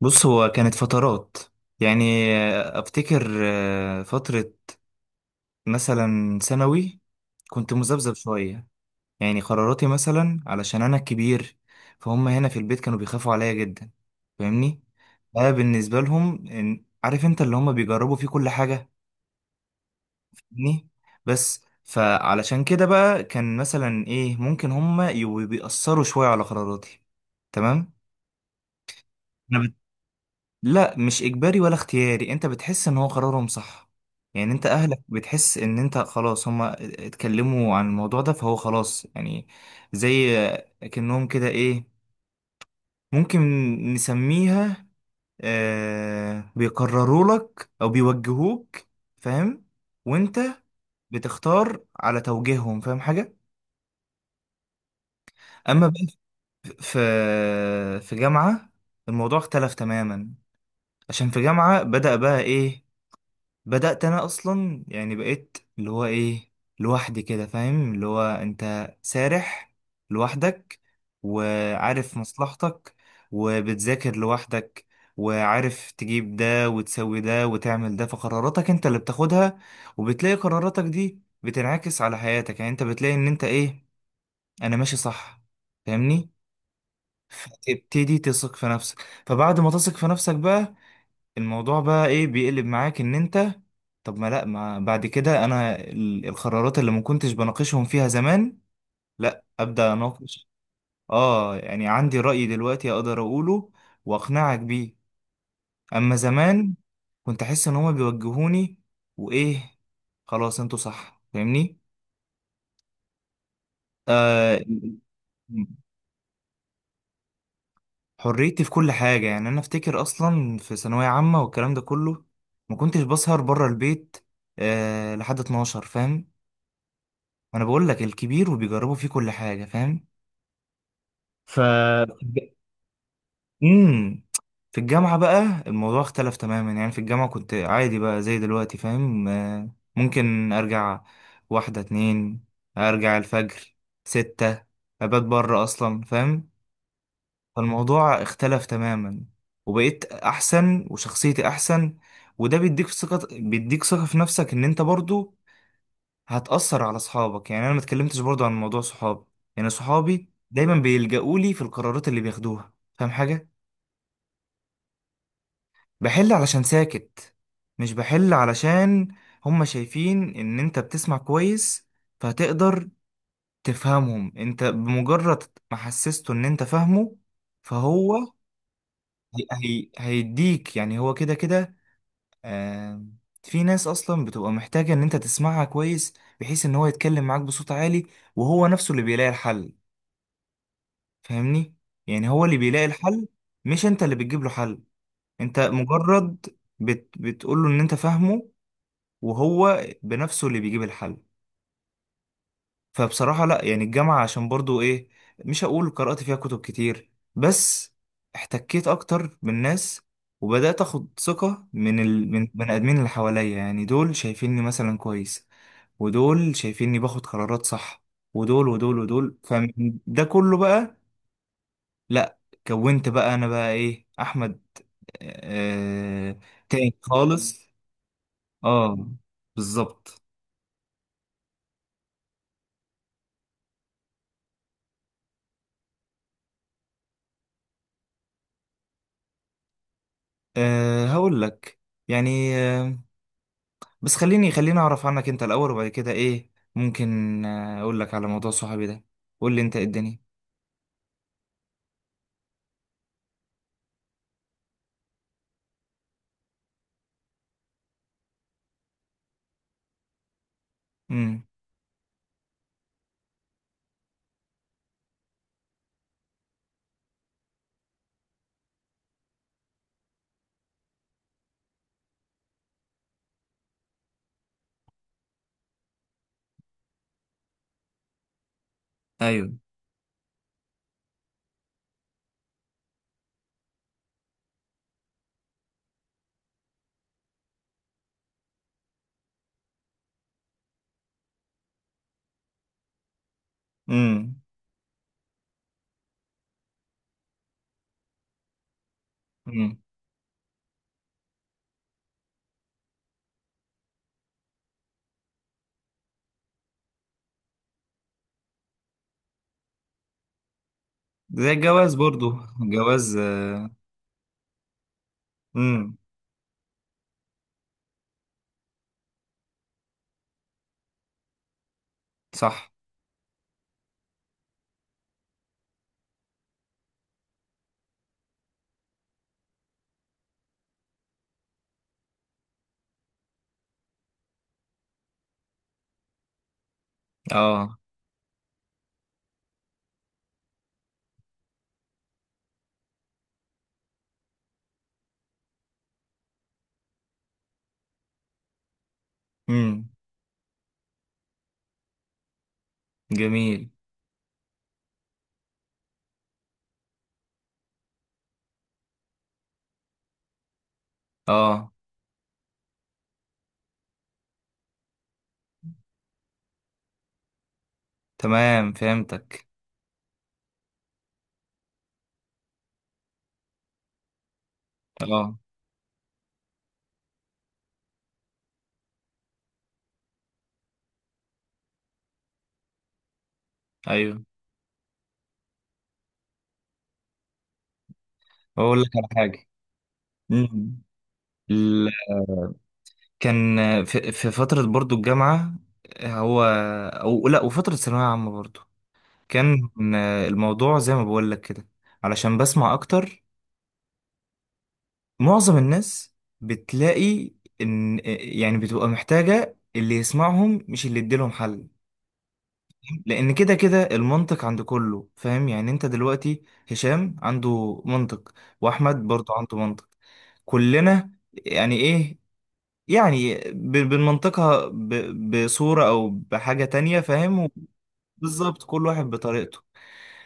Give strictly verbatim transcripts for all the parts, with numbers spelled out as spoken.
بص، هو كانت فترات، يعني آه، افتكر آه، فترة مثلا ثانوي، كنت مذبذب شوية. يعني قراراتي مثلا، علشان انا الكبير، فهم هنا في البيت كانوا بيخافوا عليا جدا. فاهمني؟ بقى بالنسبة لهم إن- عارف انت اللي هم بيجربوا فيه كل حاجة. فاهمني؟ بس فعلشان كده بقى، كان مثلا ايه، ممكن هم يبقوا بيأثروا شوية على قراراتي. تمام. لا، مش اجباري ولا اختياري، انت بتحس ان هو قرارهم صح. يعني انت اهلك بتحس ان انت خلاص، هما اتكلموا عن الموضوع ده فهو خلاص يعني، زي كأنهم كده ايه، ممكن نسميها آه بيقرروا لك او بيوجهوك. فاهم؟ وانت بتختار على توجيههم. فاهم حاجة؟ اما بقى في في جامعة الموضوع اختلف تماما. عشان في جامعة بدأ بقى ايه، بدأت أنا أصلا يعني بقيت اللي هو إيه، لوحدي كده، فاهم؟ اللي هو أنت سارح لوحدك، وعارف مصلحتك، وبتذاكر لوحدك، وعارف تجيب ده وتسوي ده وتعمل ده، فقراراتك أنت اللي بتاخدها. وبتلاقي قراراتك دي بتنعكس على حياتك، يعني أنت بتلاقي إن أنت إيه، أنا ماشي صح. فاهمني؟ تبتدي تثق في نفسك، فبعد ما تثق في نفسك بقى الموضوع بقى ايه، بيقلب معاك ان انت، طب ما لا، ما بعد كده انا ال- القرارات اللي ما كنتش بناقشهم فيها زمان، لا ابدا اناقش. اه، يعني عندي رأي دلوقتي اقدر اقوله واقنعك بيه. اما زمان كنت احس ان هما بيوجهوني وايه، خلاص انتوا صح. فاهمني؟ آه. حريتي في كل حاجة، يعني أنا أفتكر أصلا في ثانوية عامة والكلام ده كله، ما كنتش بسهر بره البيت آه لحد اتناشر. فاهم؟ وانا بقول لك الكبير وبيجربوا فيه كل حاجه. فاهم؟ ف امم في الجامعة بقى الموضوع اختلف تماما، يعني في الجامعة كنت عادي بقى زي دلوقتي. فاهم؟ آه، ممكن ارجع واحدة اتنين، ارجع الفجر ستة، ابات بره اصلا. فاهم؟ فالموضوع اختلف تماما، وبقيت احسن وشخصيتي احسن، وده بيديك ثقة، بيديك ثقة في نفسك ان انت برضو هتأثر على صحابك. يعني انا ما اتكلمتش برضو عن موضوع صحابي. يعني صحابي دايما بيلجأوا لي في القرارات اللي بياخدوها. فاهم حاجة؟ بحل علشان ساكت، مش بحل علشان هما شايفين ان انت بتسمع كويس فهتقدر تفهمهم. انت بمجرد ما حسسته ان انت فاهمه فهو هي هي هيديك، يعني هو كده كده. آه. في ناس اصلا بتبقى محتاجة ان انت تسمعها كويس، بحيث ان هو يتكلم معاك بصوت عالي وهو نفسه اللي بيلاقي الحل. فاهمني؟ يعني هو اللي بيلاقي الحل، مش انت اللي بتجيب له حل. انت مجرد بت بتقول له ان انت فاهمه، وهو بنفسه اللي بيجيب الحل. فبصراحة لا، يعني الجامعة عشان برضو ايه، مش هقول قرأت فيها كتب كتير، بس احتكيت اكتر بالناس، وبدأت اخد ثقة من ال... من بني ادمين اللي حواليا، يعني دول شايفيني مثلا كويس، ودول شايفيني باخد قرارات صح، ودول ودول ودول، فده كله بقى، لا، كونت بقى انا بقى ايه، احمد. آه تاني خالص. اه، بالظبط. آه هقول لك، يعني آه بس خليني خليني اعرف عنك انت الاول، وبعد كده ايه، ممكن آه، اقول لك على موضوع صحابي ده. قول لي انت، إيه الدنيا؟ امم. ايوه. امم. امم. زي الجواز برضو. جواز. امم. صح. اه. امم. جميل. اه. تمام، فهمتك. اه. ايوه. اقول لك على حاجه. امم. كان في في فترة برضو الجامعة، هو أو لأ، وفترة ثانوية عامة برضو، كان الموضوع زي ما بقول لك كده، علشان بسمع أكتر معظم الناس، بتلاقي إن يعني بتبقى محتاجة اللي يسمعهم مش اللي يديلهم حل. لأن كده كده المنطق عند كله. فاهم يعني؟ أنت دلوقتي هشام عنده منطق، وأحمد برضو عنده منطق، كلنا يعني إيه، يعني ب- بنمنطقها ب- بصورة أو بحاجة تانية. فاهم؟ بالظبط، كل واحد بطريقته.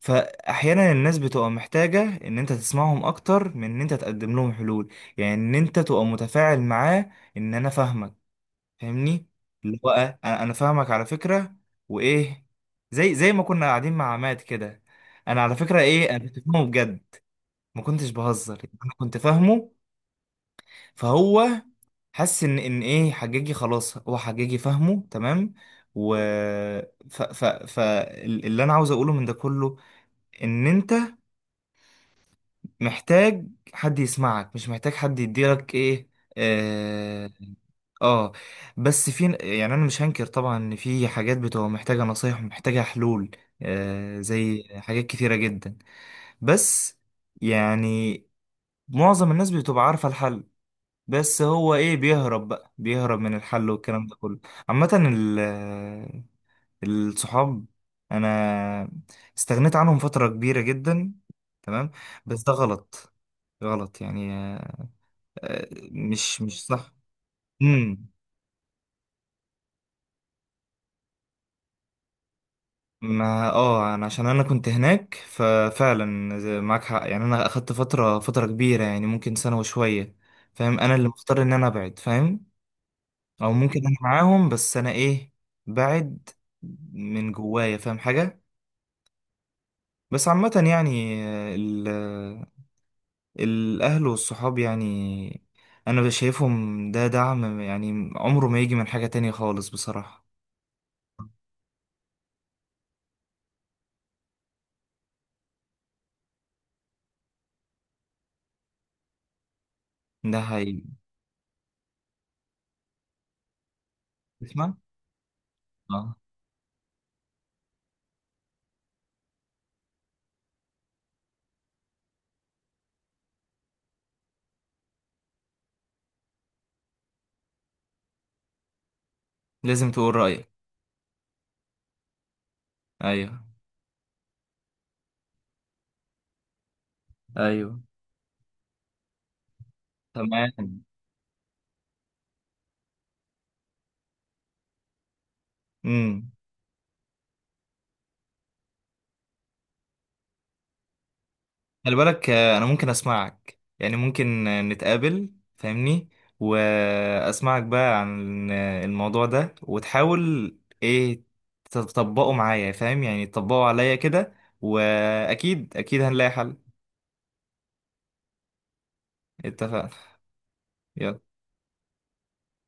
فأحيانا الناس بتبقى محتاجة إن أنت تسمعهم أكتر من إن أنت تقدم لهم حلول، يعني إن أنت تبقى متفاعل معاه، إن أنا فاهمك. فاهمني؟ اللي هو أ- أنا أنا فاهمك على فكرة. وإيه، زي زي ما كنا قاعدين مع عماد كده، أنا على فكرة إيه، أنا كنت فاهمه بجد. ما كنتش بهزر، يعني أنا كنت فاهمه. فهو حس ان ان ايه، حجاجي خلاص، هو حجاجي فاهمه تمام. و ف ف ف ال- اللي انا عاوز اقوله من ده كله، ان انت محتاج حد يسمعك، مش محتاج حد يديلك ايه. اه. آه. بس في، يعني انا مش هنكر طبعا ان في حاجات بتبقى محتاجة نصايح ومحتاجة حلول، آه زي حاجات كتيرة جدا. بس يعني معظم الناس بتبقى عارفة الحل، بس هو ايه، بيهرب بقى، بيهرب من الحل والكلام ده كله. عامة ال- الصحاب، انا استغنيت عنهم فترة كبيرة جدا. تمام. بس ده غلط، غلط يعني. آه، مش مش صح. امم. ما اه انا عشان انا كنت هناك، ففعلا زي- معاك حق، يعني انا اخدت فترة فترة كبيرة، يعني ممكن سنة وشوية. فاهم؟ انا اللي مختار ان انا ابعد. فاهم؟ او ممكن انا معاهم بس انا ايه، بعد من جوايا. فاهم حاجه؟ بس عامه يعني، آه، ال- آه، الاهل والصحاب، يعني انا شايفهم ده دعم، يعني عمره ما يجي من حاجه تانية خالص بصراحه. ده هي. اسمع. اه. لازم تقول رايك. ايوه. ايوه. تمام. امم. خلي بالك، آه، انا ممكن اسمعك، يعني ممكن آه، نتقابل فاهمني، واسمعك بقى عن آه، الموضوع ده، وتحاول ايه تطبقه معايا، فاهم يعني، تطبقه عليا كده، واكيد اكيد هنلاقي حل. اتفقنا. يلا.